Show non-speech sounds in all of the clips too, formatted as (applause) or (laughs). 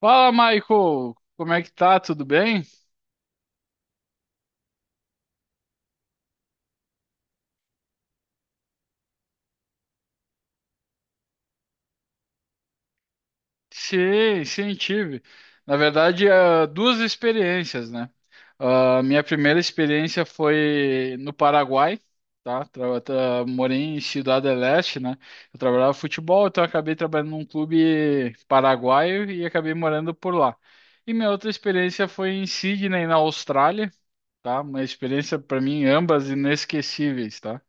Fala, Michael! Como é que tá? Tudo bem? Sim, tive. Na verdade, duas experiências, né? A minha primeira experiência foi no Paraguai, tá? Morei em Ciudad del Este, né? Eu trabalhava futebol, então eu acabei trabalhando num clube paraguaio e acabei morando por lá. E minha outra experiência foi em Sydney, na Austrália, tá? Uma experiência, para mim, ambas inesquecíveis, tá?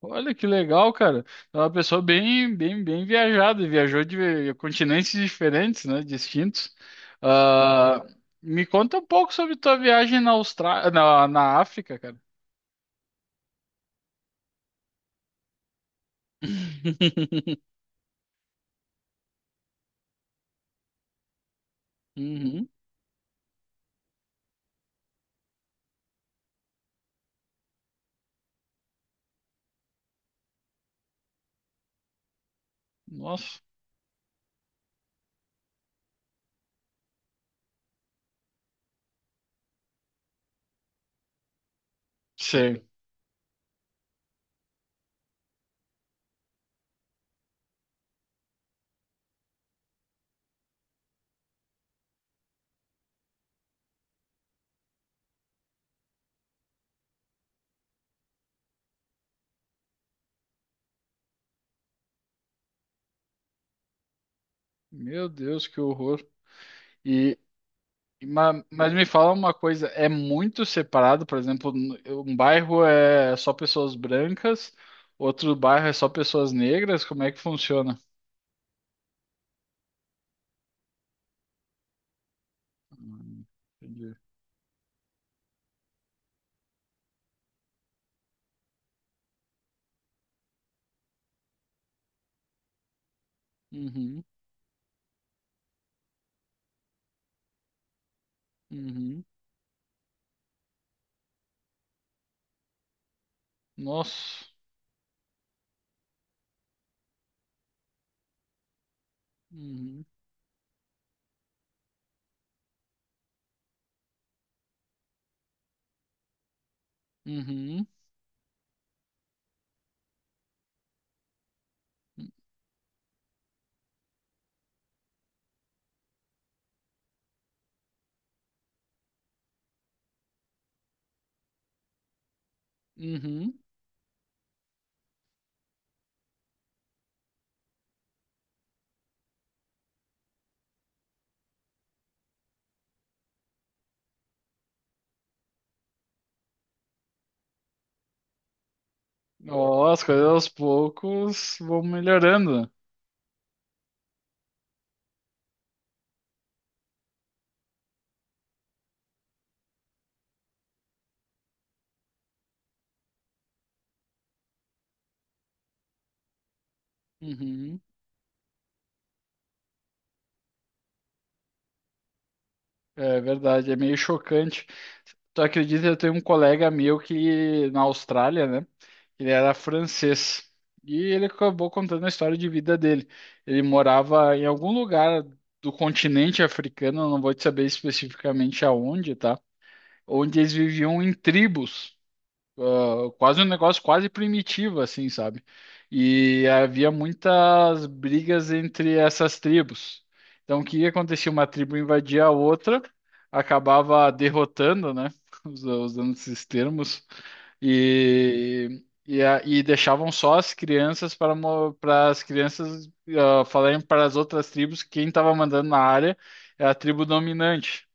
Olha que legal, cara. É uma pessoa bem viajada. Viajou de continentes diferentes, né? Distintos. Ah, Me conta um pouco sobre tua viagem na Austrália, na África, cara. (laughs) Uhum. Nossa, sei. Meu Deus, que horror. E mas me fala uma coisa, é muito separado, por exemplo, um bairro é só pessoas brancas, outro bairro é só pessoas negras, como é que funciona? Hum, entendi. Uhum, uhum. Nossa. Uhum, uhum, uhum. Ó, as coisas aos poucos vão melhorando. Uhum. É verdade, é meio chocante. Tu acredita, eu tenho um colega meu que na Austrália, né? Ele era francês. E ele acabou contando a história de vida dele. Ele morava em algum lugar do continente africano, eu não vou te saber especificamente aonde, tá? Onde eles viviam em tribos. Quase um negócio quase primitivo, assim, sabe? E havia muitas brigas entre essas tribos. Então, o que acontecia? Uma tribo invadia a outra, acabava derrotando, né? (laughs) Usando esses termos, e deixavam só as crianças para, para as crianças falarem para as outras tribos que quem estava mandando na área é a tribo dominante.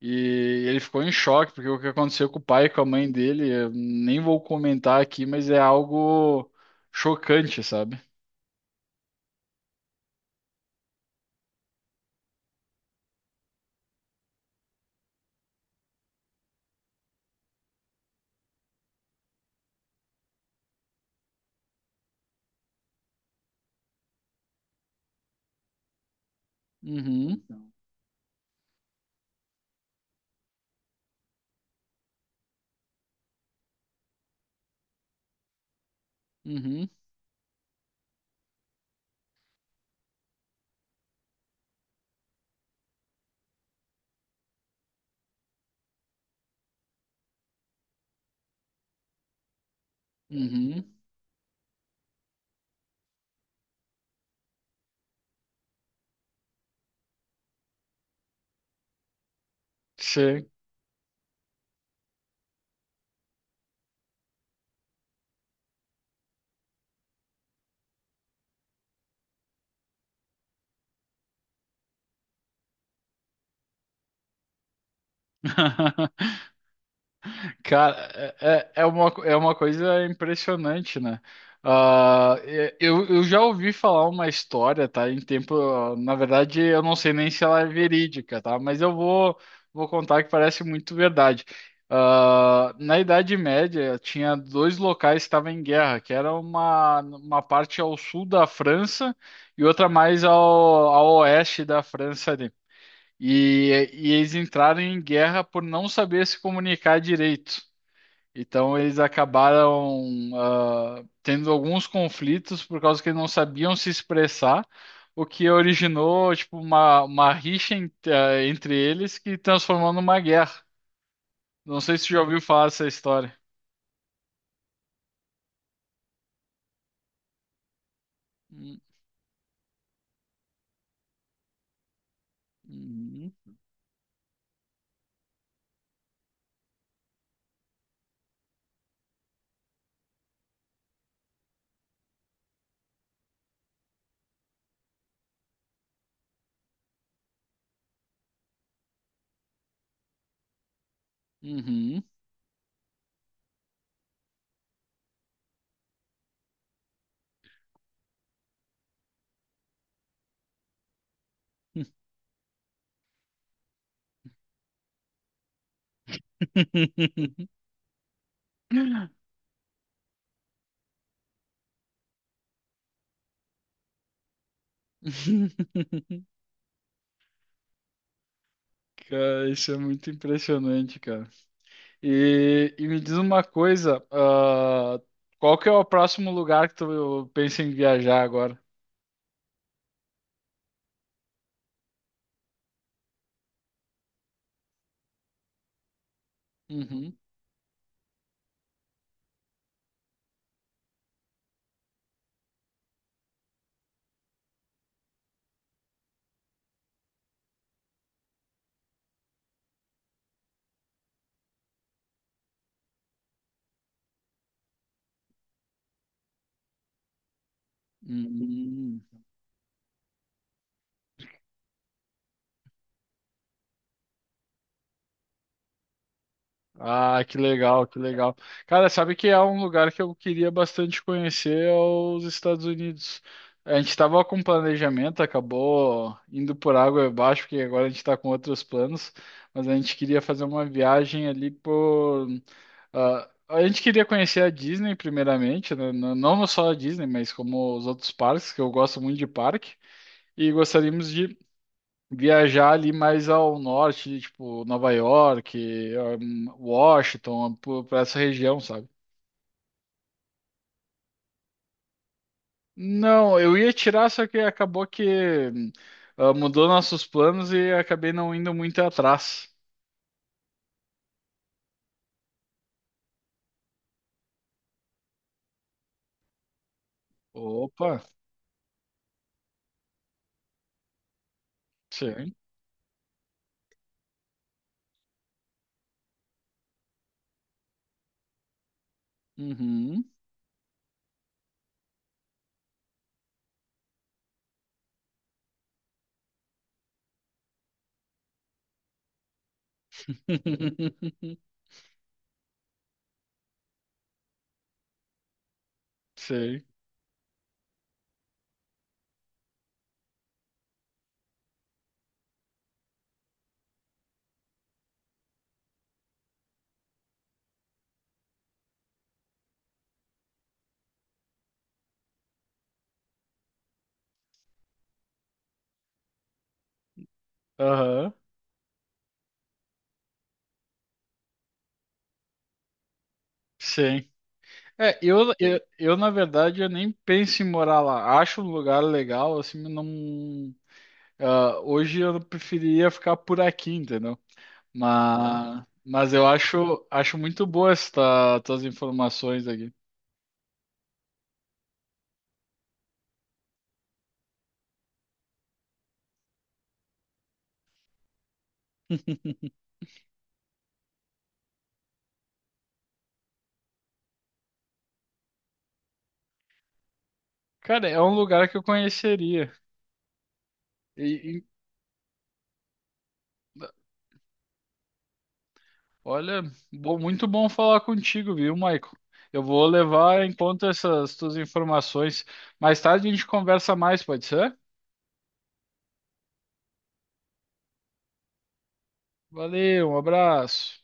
E ele ficou em choque, porque o que aconteceu com o pai e com a mãe dele, eu nem vou comentar aqui, mas é algo chocante, sabe? Uhum, uhum, uhum. Sim. (laughs) Cara, é uma coisa impressionante, né? Eu já ouvi falar uma história, tá? Em tempo, na verdade, eu não sei nem se ela é verídica, tá? Mas eu vou contar que parece muito verdade. Ah, na Idade Média, tinha dois locais que estavam em guerra, que era uma parte ao sul da França e outra mais ao oeste da França ali. E eles entraram em guerra por não saber se comunicar direito. Então eles acabaram tendo alguns conflitos por causa que eles não sabiam se expressar, o que originou tipo uma rixa entre eles que transformou numa guerra. Não sei se você já ouviu falar dessa história. Uhum. Uhum. (laughs) Cara, isso é muito impressionante, cara. E me diz uma coisa, qual que é o próximo lugar que tu pensa em viajar agora? Uhum. Hum. Ah, que legal, que legal. Cara, sabe que é um lugar que eu queria bastante conhecer é os Estados Unidos. A gente estava com planejamento, acabou indo por água abaixo, porque agora a gente está com outros planos, mas a gente queria fazer uma viagem ali por. A gente queria conhecer a Disney primeiramente, né? Não só a Disney, mas como os outros parques, que eu gosto muito de parque, e gostaríamos de viajar ali mais ao norte, tipo Nova York, Washington, pra essa região, sabe? Não, eu ia tirar, só que acabou que hum, mudou nossos planos e acabei não indo muito atrás. Opa, sim. Uhum. (laughs) Sei. Aham. Sim. É, na verdade, eu nem penso em morar lá. Acho um lugar legal, assim, mas não. Hoje eu preferiria ficar por aqui, entendeu? Mas eu acho muito boa esta, tuas informações aqui. (laughs) Cara, é um lugar que eu conheceria. E, e- Olha, muito bom falar contigo, viu, Michael? Eu vou levar em conta essas tuas informações. Mais tarde a gente conversa mais, pode ser? Valeu, um abraço.